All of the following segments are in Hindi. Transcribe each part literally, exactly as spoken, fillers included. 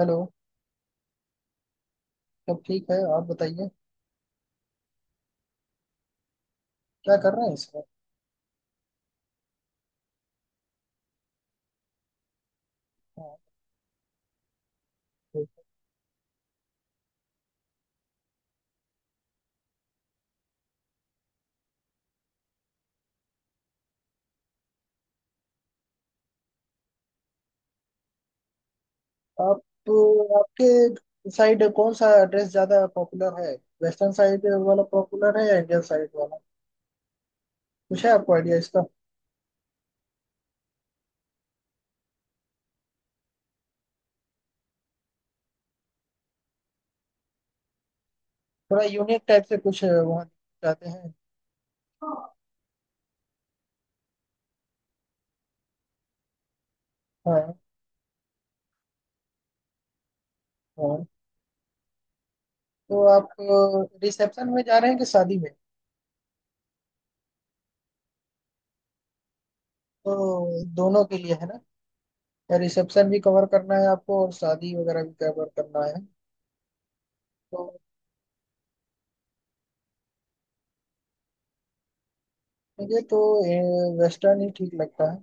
हेलो। सब ठीक है, आप बताइए। क्या कर रहे हैं इस वक्त? हाँ, ठीक। आप तो... आपके साइड कौन सा ड्रेस ज्यादा पॉपुलर है? वेस्टर्न साइड वाला पॉपुलर है या इंडियन साइड वाला? कुछ है आपको आइडिया इसका? थोड़ा यूनिक टाइप से कुछ वहाँ चाहते हैं? हाँ। हाँ तो आप रिसेप्शन में जा रहे हैं कि शादी में? तो दोनों के लिए है ना। रिसेप्शन भी कवर करना है आपको और शादी वगैरह भी कवर करना है। तो मुझे तो वेस्टर्न ही ठीक लगता है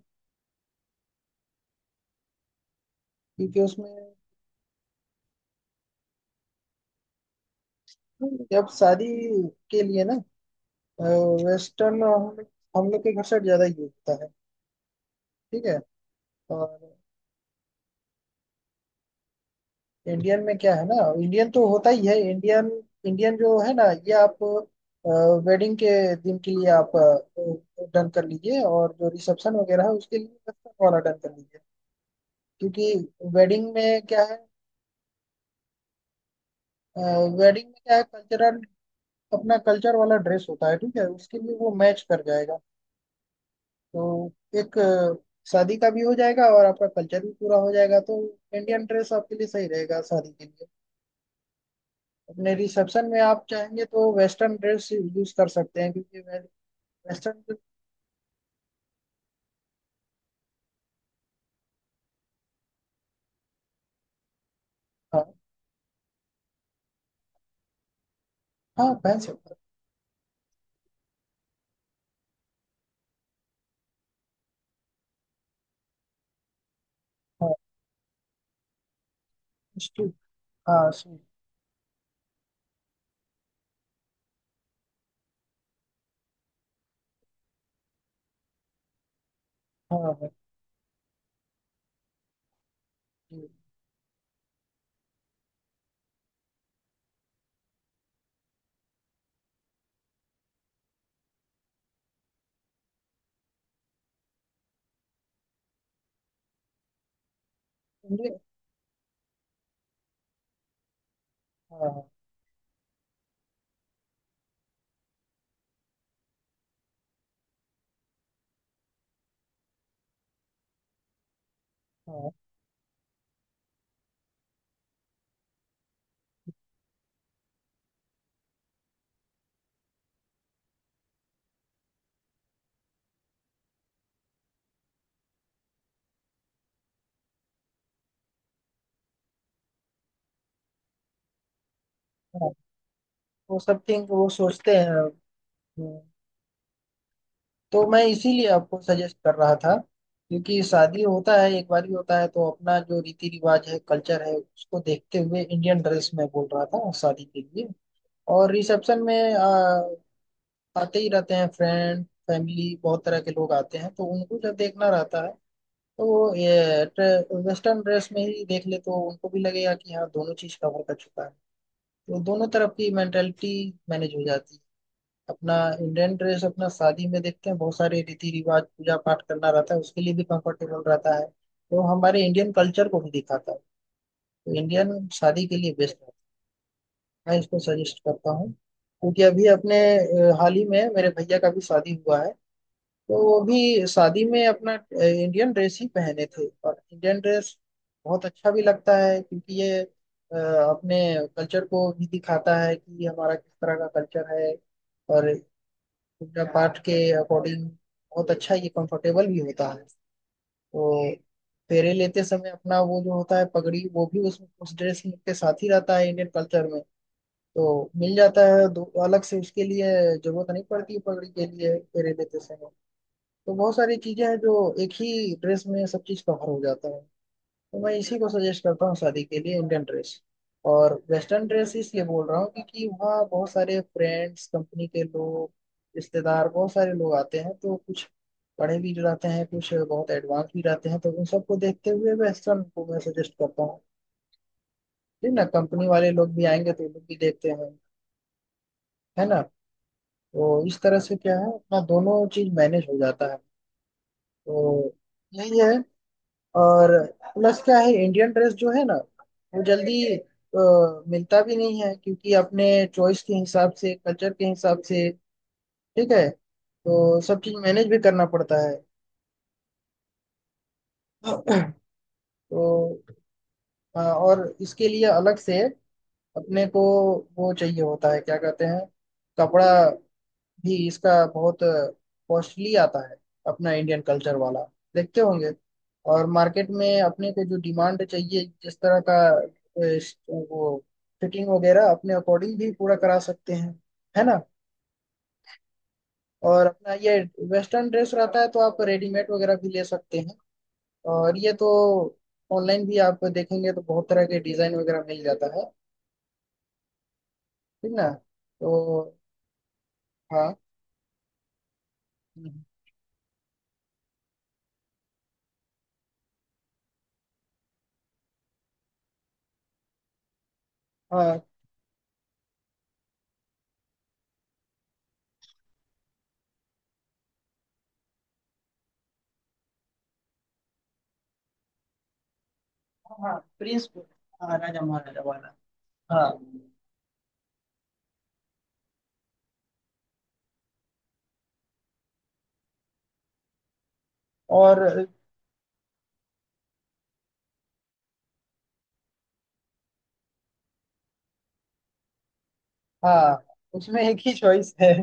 क्योंकि उसमें... अब शादी के लिए ना वेस्टर्न हम लोग हम लोग के घर साइड ज्यादा यूज होता है। ठीक है। और इंडियन में क्या है ना, इंडियन तो होता ही है इंडियन इंडियन जो है ना ये आप वेडिंग के दिन के लिए आप डन कर लीजिए, और जो रिसेप्शन वगैरह है उसके लिए वेस्टर्न वाला डन कर लीजिए। क्योंकि वेडिंग में क्या है वेडिंग में क्या है कल्चरल, अपना कल्चर वाला ड्रेस होता है, ठीक है, उसके लिए वो मैच कर जाएगा। तो एक अ, शादी का भी हो जाएगा और आपका कल्चर भी पूरा हो जाएगा। तो इंडियन ड्रेस आपके लिए सही रहेगा शादी के लिए। अपने रिसेप्शन में आप चाहेंगे तो वेस्टर्न ड्रेस यूज कर सकते हैं क्योंकि वेस्टर्न... हाँ हाँ पहन सकते हैं। हाँ सूट। हाँ सूट। हाँ हाँ जी। इंडियन- हाँ हाँ हाँ। वो सब थिंक वो सोचते हैं। तो मैं इसीलिए आपको सजेस्ट कर रहा था, क्योंकि शादी होता है एक बार ही होता है, तो अपना जो रीति रिवाज है, कल्चर है, उसको देखते हुए इंडियन ड्रेस में बोल रहा था शादी के लिए। और रिसेप्शन में आ, आते ही रहते हैं, फ्रेंड फैमिली बहुत तरह के लोग आते हैं, तो उनको जब देखना रहता है तो वो ये वेस्टर्न ड्रेस में ही देख ले तो उनको भी लगेगा कि हाँ दोनों चीज कवर कर चुका है। तो दोनों तरफ की मेंटेलिटी मैनेज हो जाती है। अपना इंडियन ड्रेस अपना शादी में देखते हैं, बहुत सारे रीति रिवाज पूजा पाठ करना रहता है, उसके लिए भी कंफर्टेबल रहता है, तो हमारे इंडियन कल्चर को भी दिखाता है। तो इंडियन शादी के लिए बेस्ट रहता है, मैं इसको सजेस्ट करता हूँ क्योंकि अभी अपने अ, हाल ही में मेरे भैया का भी शादी हुआ है, तो वो भी शादी में अपना अ, इंडियन ड्रेस ही पहने थे। और इंडियन ड्रेस बहुत अच्छा भी लगता है क्योंकि ये अ, अपने कल्चर को भी दिखाता है कि हमारा किस तरह का कल्चर है। और पूजा पाठ के अकॉर्डिंग बहुत अच्छा, ये कंफर्टेबल भी होता है। तो फेरे लेते समय अपना वो जो होता है पगड़ी, वो भी उस उस ड्रेस के साथ ही रहता है इंडियन कल्चर में। तो मिल जाता है, दो अलग से उसके लिए जरूरत नहीं पड़ती है पगड़ी के लिए फेरे लेते समय। तो बहुत सारी चीजें हैं जो एक ही ड्रेस में सब चीज कवर हो जाता है। तो मैं इसी को सजेस्ट करता हूँ शादी के लिए इंडियन ड्रेस। और वेस्टर्न ड्रेस इसलिए बोल रहा हूँ क्योंकि वहाँ बहुत सारे फ्रेंड्स, कंपनी के लोग, रिश्तेदार, बहुत सारे लोग आते हैं, तो कुछ पढ़े भी रहते हैं, कुछ बहुत एडवांस भी रहते हैं, तो उन सबको देखते हुए वेस्टर्न को मैं सजेस्ट करता हूँ। ठीक ना, कंपनी वाले लोग भी आएंगे तो वो लोग भी देखते हैं, है ना। तो इस तरह से क्या है, अपना दोनों चीज मैनेज हो जाता है। तो यही है। और प्लस क्या है, इंडियन ड्रेस जो है ना वो जल्दी अ, मिलता भी नहीं है क्योंकि अपने चॉइस के हिसाब से, कल्चर के हिसाब से, ठीक है, तो सब चीज मैनेज भी करना पड़ता है। तो अ, और इसके लिए अलग से अपने को वो चाहिए होता है, क्या कहते हैं, कपड़ा भी इसका बहुत कॉस्टली आता है अपना इंडियन कल्चर वाला, देखते होंगे। और मार्केट में अपने को जो डिमांड चाहिए, जिस तरह का अ, स- वो फिटिंग वगैरह अपने अकॉर्डिंग भी पूरा करा सकते हैं, है ना। और अपना ये वेस्टर्न ड्रेस रहता है तो आप रेडीमेड वगैरह भी ले सकते हैं। और ये तो ऑनलाइन भी आप देखेंगे तो बहुत तरह के डिजाइन वगैरह मिल जाता है, ठीक ना। तो हाँ। हम्म। हाँ हाँ प्रिंस। हाँ, राजा महाराजा वाला। हाँ। और हाँ उसमें एक ही चॉइस है।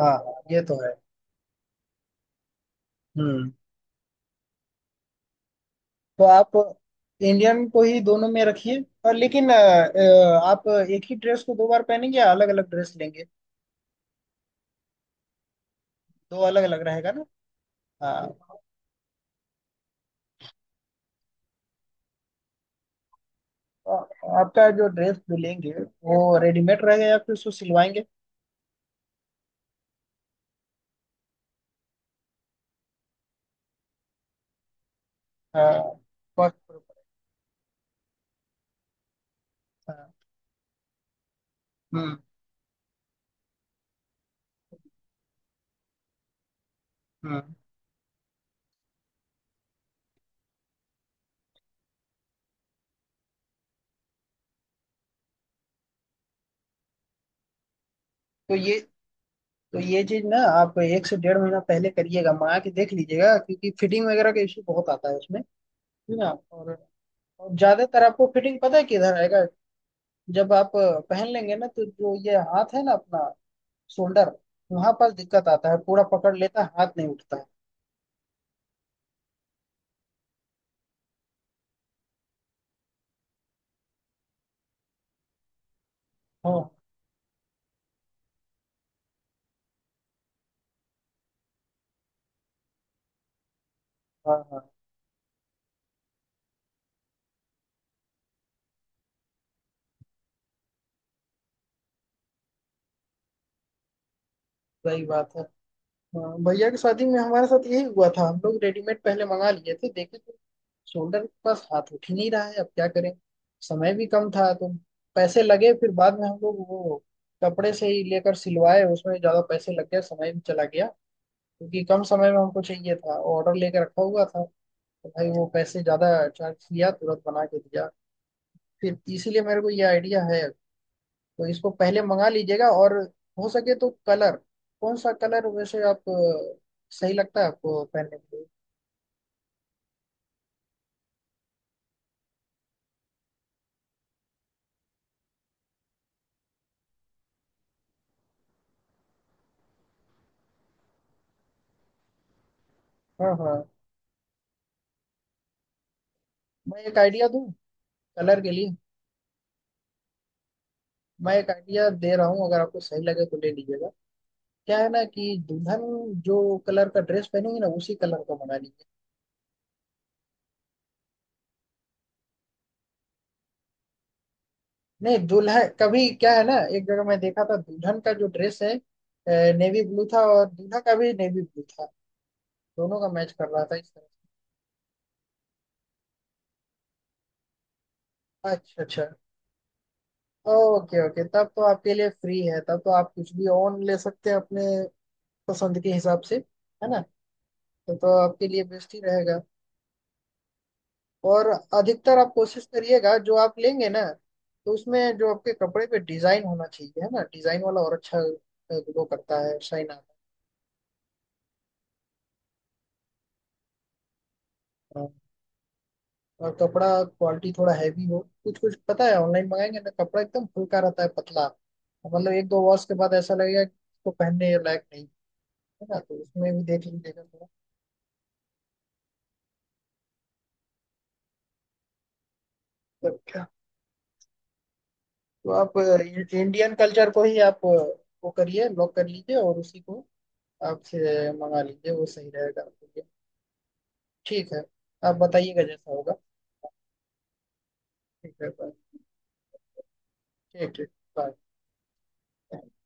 हाँ ये तो है। हम्म। तो आप इंडियन को ही दोनों में रखिए। और लेकिन अ, अ, आप एक ही ड्रेस को दो बार पहनेंगे या अलग अलग ड्रेस लेंगे? दो अलग अलग रहेगा ना। हाँ। तो आपका जो ड्रेस जो लेंगे वो रेडीमेड रहेगा या फिर उसको सिलवाएंगे? हाँ cost के ऊपर, हाँ, हम्म हम्म। तो ये तो ये चीज ना आप एक से डेढ़ महीना पहले करिएगा, मंगा के देख लीजिएगा, क्योंकि फिटिंग वगैरह का इशू बहुत आता है उसमें ना। और, और ज्यादातर आपको फिटिंग पता है किधर आएगा, जब आप अ, पहन लेंगे ना तो जो ये हाथ है ना अपना, शोल्डर वहां पास दिक्कत आता है, पूरा पकड़ लेता है, हाथ नहीं उठता है। हाँ हाँ हाँ, सही बात है। हाँ, भैया की शादी में हमारे साथ यही हुआ था, हम लोग रेडीमेड पहले मंगा लिए थे, देखे तो शोल्डर के पास हाथ उठ ही नहीं रहा है, अब क्या करें। समय भी कम था तो पैसे लगे फिर बाद में, हम लोग वो कपड़े से ही लेकर सिलवाए, उसमें ज्यादा पैसे लग गए, समय भी चला गया, क्योंकि कम समय में हमको चाहिए था, ऑर्डर लेके रखा हुआ था। तो भाई वो पैसे ज्यादा चार्ज किया, तुरंत बना के दिया। फिर इसीलिए मेरे को ये आइडिया है। तो इसको पहले मंगा लीजिएगा, और हो सके तो कलर, कौन सा कलर वैसे आप अ, सही लगता है आपको पहनने के लिए? हाँ हाँ। मैं एक आइडिया दूं कलर के लिए, मैं एक आइडिया दे रहा हूँ, अगर आपको सही लगे तो ले लीजिएगा। क्या है ना कि दुल्हन जो कलर का ड्रेस पहनेगी ना उसी कलर का बना लीजिए। नहीं, दूल्हा कभी... क्या है ना, एक जगह मैं देखा था, दुल्हन का जो ड्रेस है नेवी ब्लू था, और दूल्हा का भी नेवी ब्लू था, दोनों का मैच कर रहा था इस तरह से। अच्छा अच्छा, ओके ओके, तब तो आपके लिए फ्री है, तब तो आप कुछ भी ऑन ले सकते हैं अपने पसंद के हिसाब से, है ना। तो, तो आपके लिए बेस्ट ही रहेगा। और अधिकतर आप कोशिश करिएगा, जो आप लेंगे ना तो उसमें जो आपके कपड़े पे डिजाइन होना चाहिए, है ना, डिजाइन वाला और अच्छा ग्लो करता है, शाइन आता है। और कपड़ा क्वालिटी थोड़ा हैवी हो, कुछ कुछ पता है ऑनलाइन मंगाएंगे ना कपड़ा एकदम हल्का रहता है, पतला, और मतलब एक दो वॉश के बाद ऐसा लगेगा कि इसको पहनने लायक नहीं, है ना, तो उसमें भी देख लीजिएगा थोड़ा। तो क्या, तो आप अ, इंडियन कल्चर को ही आप अ, वो करिए, लॉक कर लीजिए और उसी को आप से मंगा लीजिए, वो सही रहेगा आपके लिए। ठीक है, आप बताइएगा जैसा होगा। ठीक है bye। ठीक ठीक। बाय।